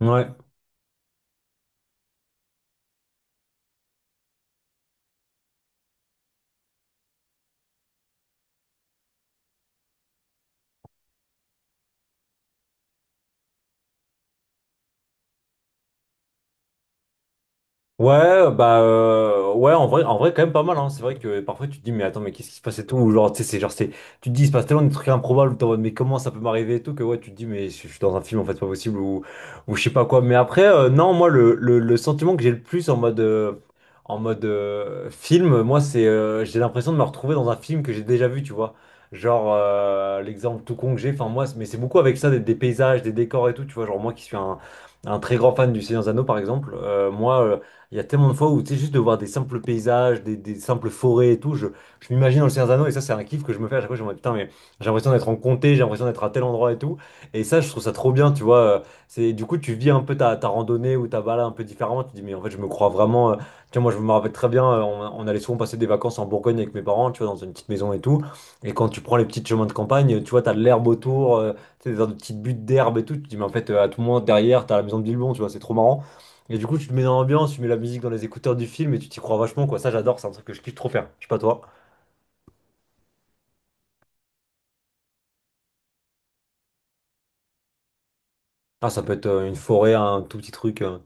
Ouais. Ouais, ouais, en vrai, quand même pas mal, hein. C'est vrai que parfois tu te dis, mais attends, mais qu'est-ce qui se passe et tout, ou genre, tu sais, tu te dis, il se passe tellement des trucs improbables, t'es en mode, mais comment ça peut m'arriver et tout, que ouais, tu te dis, mais je suis dans un film, en fait, c'est pas possible, ou je sais pas quoi. Mais après, non, moi, le sentiment que j'ai le plus en mode, en mode film, moi, c'est, j'ai l'impression de me retrouver dans un film que j'ai déjà vu, tu vois. Genre, l'exemple tout con que j'ai, enfin, moi, mais c'est beaucoup avec ça, des paysages, des décors et tout, tu vois, genre, moi qui suis un très grand fan du Seigneur des Anneaux, par exemple, moi, il y a tellement de fois où, tu sais, juste de voir des simples paysages, des simples forêts et tout, je m'imagine dans le Seigneur des Anneaux et ça, c'est un kiff que je me fais à chaque fois. Je me dis, putain, mais j'ai l'impression d'être en comté, j'ai l'impression d'être à tel endroit et tout. Et ça, je trouve ça trop bien, tu vois. C'est, du coup, tu vis un peu ta randonnée ou ta balade un peu différemment. Tu te dis, mais en fait, je me crois vraiment. Tu vois, moi, je me rappelle très bien, on allait souvent passer des vacances en Bourgogne avec mes parents, tu vois, dans une petite maison et tout. Et quand tu prends les petits chemins de campagne, tu vois, t'as de l'herbe autour, tu sais, des petites buttes d'herbe et tout. Tu te dis, mais en fait, à tout moment, derrière, t'as la maison de Bilbon, tu vois, c'est trop marrant. Et du coup, tu te mets dans l'ambiance, tu mets la musique dans les écouteurs du film et tu t'y crois vachement, quoi. Ça, j'adore, c'est un truc que je kiffe trop faire. Je sais pas toi. Ah, ça peut être une forêt, un tout petit truc.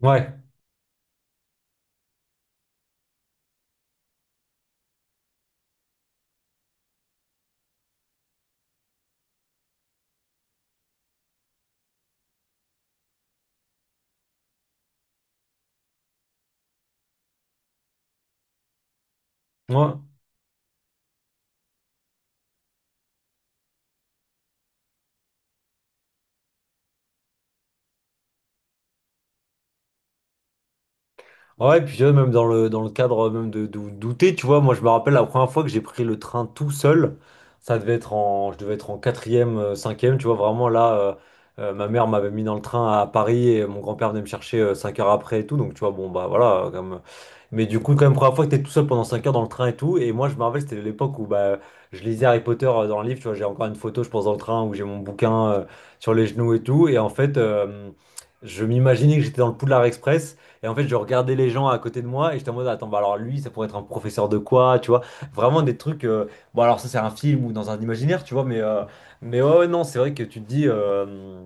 Ouais, ouais. Ouais, et puis même dans le cadre même de douter, tu vois, moi je me rappelle la première fois que j'ai pris le train tout seul, ça devait être en, je devais être en quatrième, cinquième, tu vois, vraiment là, ma mère m'avait mis dans le train à Paris et mon grand-père venait me chercher 5 heures après et tout, donc tu vois, bon bah voilà, comme... mais du coup quand même première fois que t'es tout seul pendant 5 heures dans le train et tout, et moi je me rappelle c'était l'époque où bah je lisais Harry Potter dans le livre, tu vois, j'ai encore une photo je pense dans le train où j'ai mon bouquin sur les genoux et tout, et en fait je m'imaginais que j'étais dans le Poudlard Express. Et en fait, je regardais les gens à côté de moi et j'étais en mode, attends, bah alors lui, ça pourrait être un professeur de quoi, tu vois? Vraiment des trucs. Bon, alors ça, c'est un film ou dans un imaginaire, tu vois, mais ouais, non, c'est vrai que tu te dis.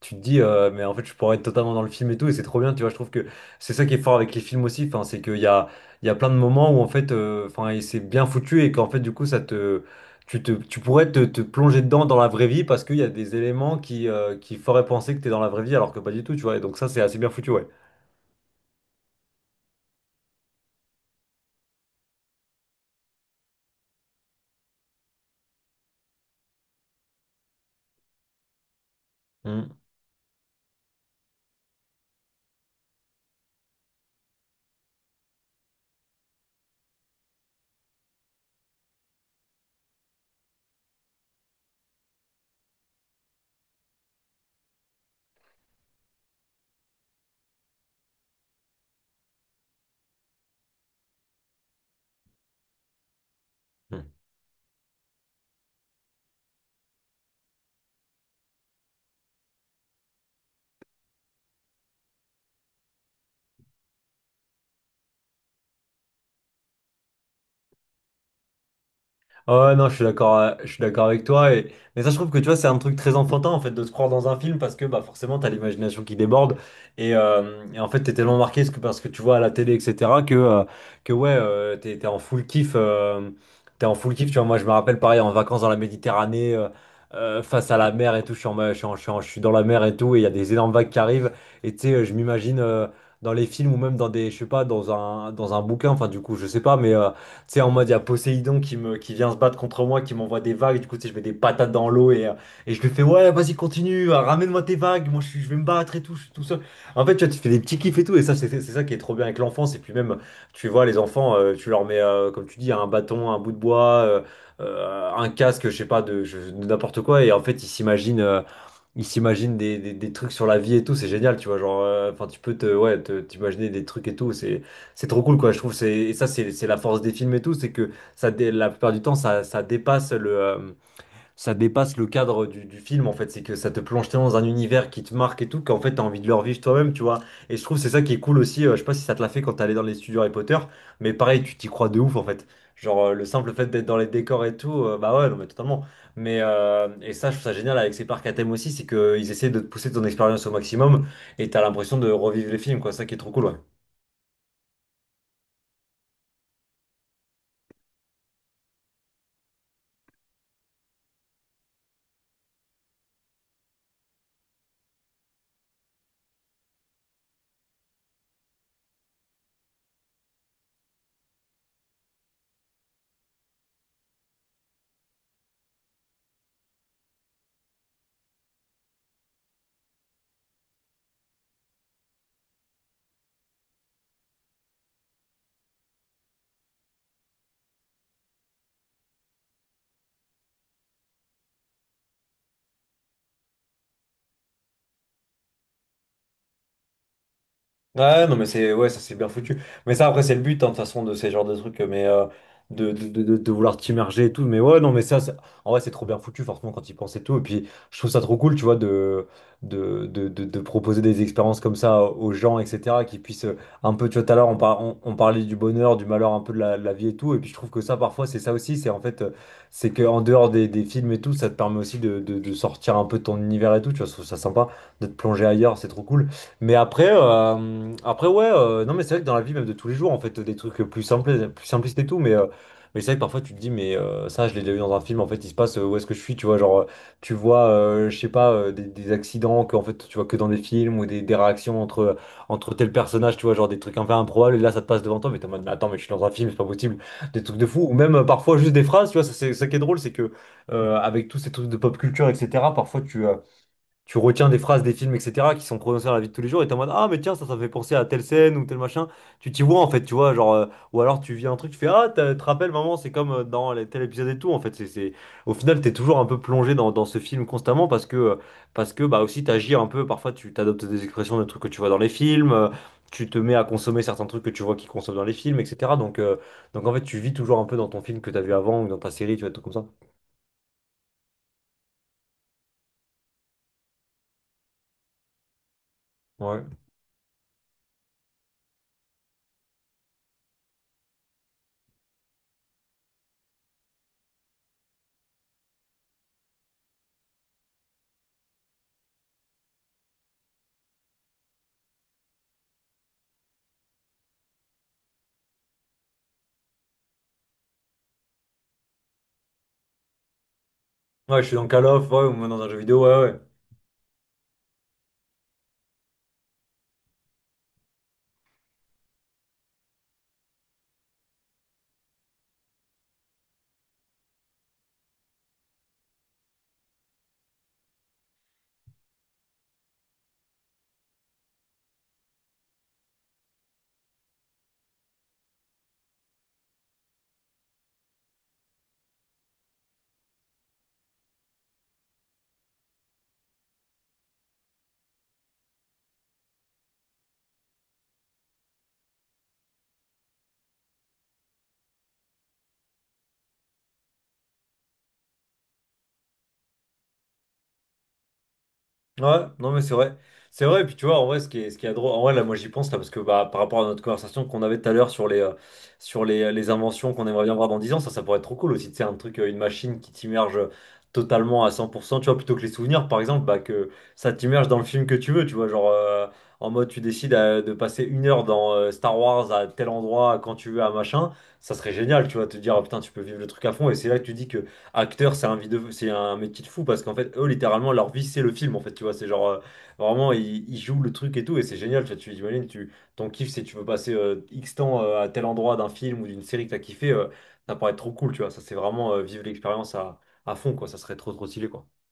Tu te dis, mais en fait, je pourrais être totalement dans le film et tout, et c'est trop bien, tu vois. Je trouve que c'est ça qui est fort avec les films aussi, enfin, c'est qu'il y a, il y a plein de moments où, en fait, enfin, et c'est bien foutu, et qu'en fait, du coup, tu te, tu pourrais te, te plonger dedans dans la vraie vie parce qu'il y a des éléments qui feraient penser que t'es dans la vraie vie alors que pas du tout, tu vois. Et donc, ça, c'est assez bien foutu, ouais. Mm. Ah ouais, non, je suis d'accord avec toi. Et... Mais ça, je trouve que tu vois, c'est un truc très enfantin en fait de se croire dans un film parce que bah, forcément, t'as l'imagination qui déborde. Et en fait, t'es tellement marqué parce que tu vois à la télé, etc., que ouais, t'es en full kiff. T'es en full kiff, tu vois. Moi, je me rappelle pareil en vacances dans la Méditerranée, face à la mer et tout. Je suis, en ma- je suis en- je suis en- Je suis dans la mer et tout. Et il y a des énormes vagues qui arrivent. Et tu sais, je m'imagine dans les films ou même dans des, je sais pas, dans un bouquin. Enfin, du coup, je sais pas, mais. Tu sais, en mode, il y a Poséidon qui vient se battre contre moi, qui m'envoie des vagues. Du coup, tu sais, je mets des patates dans l'eau et je lui fais, ouais, vas-y, continue, ramène-moi tes vagues. Moi, je vais me battre et tout, je suis tout seul. En fait, tu vois, tu te fais des petits kiffs et tout. Et ça, c'est ça qui est trop bien avec l'enfance. Et puis même, tu vois, les enfants, tu leur mets, comme tu dis, un bâton, un bout de bois, un casque, je sais pas, de n'importe quoi. Et en fait, ils s'imaginent. Ils s'imaginent des trucs sur la vie et tout, c'est génial, tu vois, genre, enfin, tu peux ouais, t'imaginer des trucs et tout, c'est trop cool, quoi, je trouve, c'est, et ça, c'est la force des films et tout, c'est que ça, la plupart du temps, ça dépasse le cadre du film en fait, c'est que ça te plonge tellement dans un univers qui te marque et tout, qu'en fait t'as envie de le revivre toi-même, tu vois. Et je trouve que c'est ça qui est cool aussi, je sais pas si ça te l'a fait quand t'allais dans les studios Harry Potter, mais pareil, tu t'y crois de ouf en fait. Genre le simple fait d'être dans les décors et tout, bah ouais, non mais totalement. Mais et ça, je trouve ça génial avec ces parcs à thème aussi, c'est qu'ils essaient de te pousser ton expérience au maximum et t'as l'impression de revivre les films, quoi, ça qui est trop cool, ouais. Ouais, non, mais c'est ouais, ça c'est bien foutu. Mais ça, après, c'est le but, hein, de toute façon, de ces genres de trucs, mais de vouloir t'immerger et tout. Mais ouais, non, mais en vrai, c'est trop bien foutu, forcément, quand ils pensent et tout. Et puis, je trouve ça trop cool, tu vois, de proposer des expériences comme ça aux gens, etc., qui puissent un peu, tu vois, tout à l'heure, on parlait du bonheur, du malheur, un peu de la vie et tout. Et puis, je trouve que ça, parfois, c'est ça aussi. C'est en fait, c'est que en dehors des films et tout, ça te permet aussi de sortir un peu de ton univers et tout. Tu vois, je trouve ça sympa de te plonger ailleurs, c'est trop cool. Mais après, après ouais, non mais c'est vrai que dans la vie même de tous les jours, en fait, des trucs plus simples, plus simplistes et tout, mais c'est vrai que parfois tu te dis, mais ça, je l'ai déjà vu dans un film, en fait, il se passe où est-ce que je suis, tu vois, genre, je sais pas, des accidents que, en fait, tu vois que dans des films ou des réactions entre, entre tel personnage, tu vois, genre des trucs un peu improbables, et là, ça te passe devant toi, mais t'es en mode, mais attends, mais je suis dans un film, c'est pas possible, des trucs de fou, ou même parfois juste des phrases, tu vois, ça, c'est ça qui est drôle, c'est que avec tous ces trucs de pop culture, etc., parfois tu retiens des phrases des films, etc., qui sont prononcées dans la vie de tous les jours, et t'es en mode, ah, mais tiens, ça me fait penser à telle scène ou tel machin. Tu t'y vois, en fait, tu vois, genre, ou alors tu vis un truc, tu fais, ah, te rappelles, maman, c'est comme dans tel épisode et tout, en fait. C'est... Au final, t'es toujours un peu plongé dans, dans ce film constamment parce que, bah, aussi, t'agis un peu, parfois, tu t'adoptes des expressions de trucs que tu vois dans les films, tu te mets à consommer certains trucs que tu vois qu'ils consomment dans les films, etc. Donc, en fait, tu vis toujours un peu dans ton film que t'as vu avant ou dans ta série, tu vois, tout comme ça. Ouais. Ouais, je suis dans Call of, ouais, ou même dans un jeu vidéo, ouais, ouais. Ouais, non mais c'est vrai. C'est vrai, et puis tu vois, en vrai, ce qui est drôle, en vrai, là, moi j'y pense, là, parce que bah, par rapport à notre conversation qu'on avait tout à l'heure sur les, les inventions qu'on aimerait bien voir dans 10 ans, ça, ça pourrait être trop cool aussi, tu sais, un truc, une machine qui t'immerge totalement à 100%, tu vois, plutôt que les souvenirs, par exemple, bah, que ça t'immerge dans le film que tu veux, tu vois, genre, en mode, tu décides de passer 1 heure dans Star Wars à tel endroit, quand tu veux, à machin, ça serait génial, tu vois, te dire, ah, putain, tu peux vivre le truc à fond, et c'est là que tu dis que acteur, c'est un vidéo, c'est un métier de fou parce qu'en fait, eux, littéralement, leur vie, c'est le film. En fait, tu vois, c'est genre vraiment, ils jouent le truc et tout, et c'est génial. Tu vois, tu imagines, tu, ton kiff, c'est tu veux passer X temps à tel endroit d'un film ou d'une série que t'as kiffé, ça paraît trop cool, tu vois. Ça, c'est vraiment vivre l'expérience à fond, quoi. Ça serait trop, trop stylé, quoi.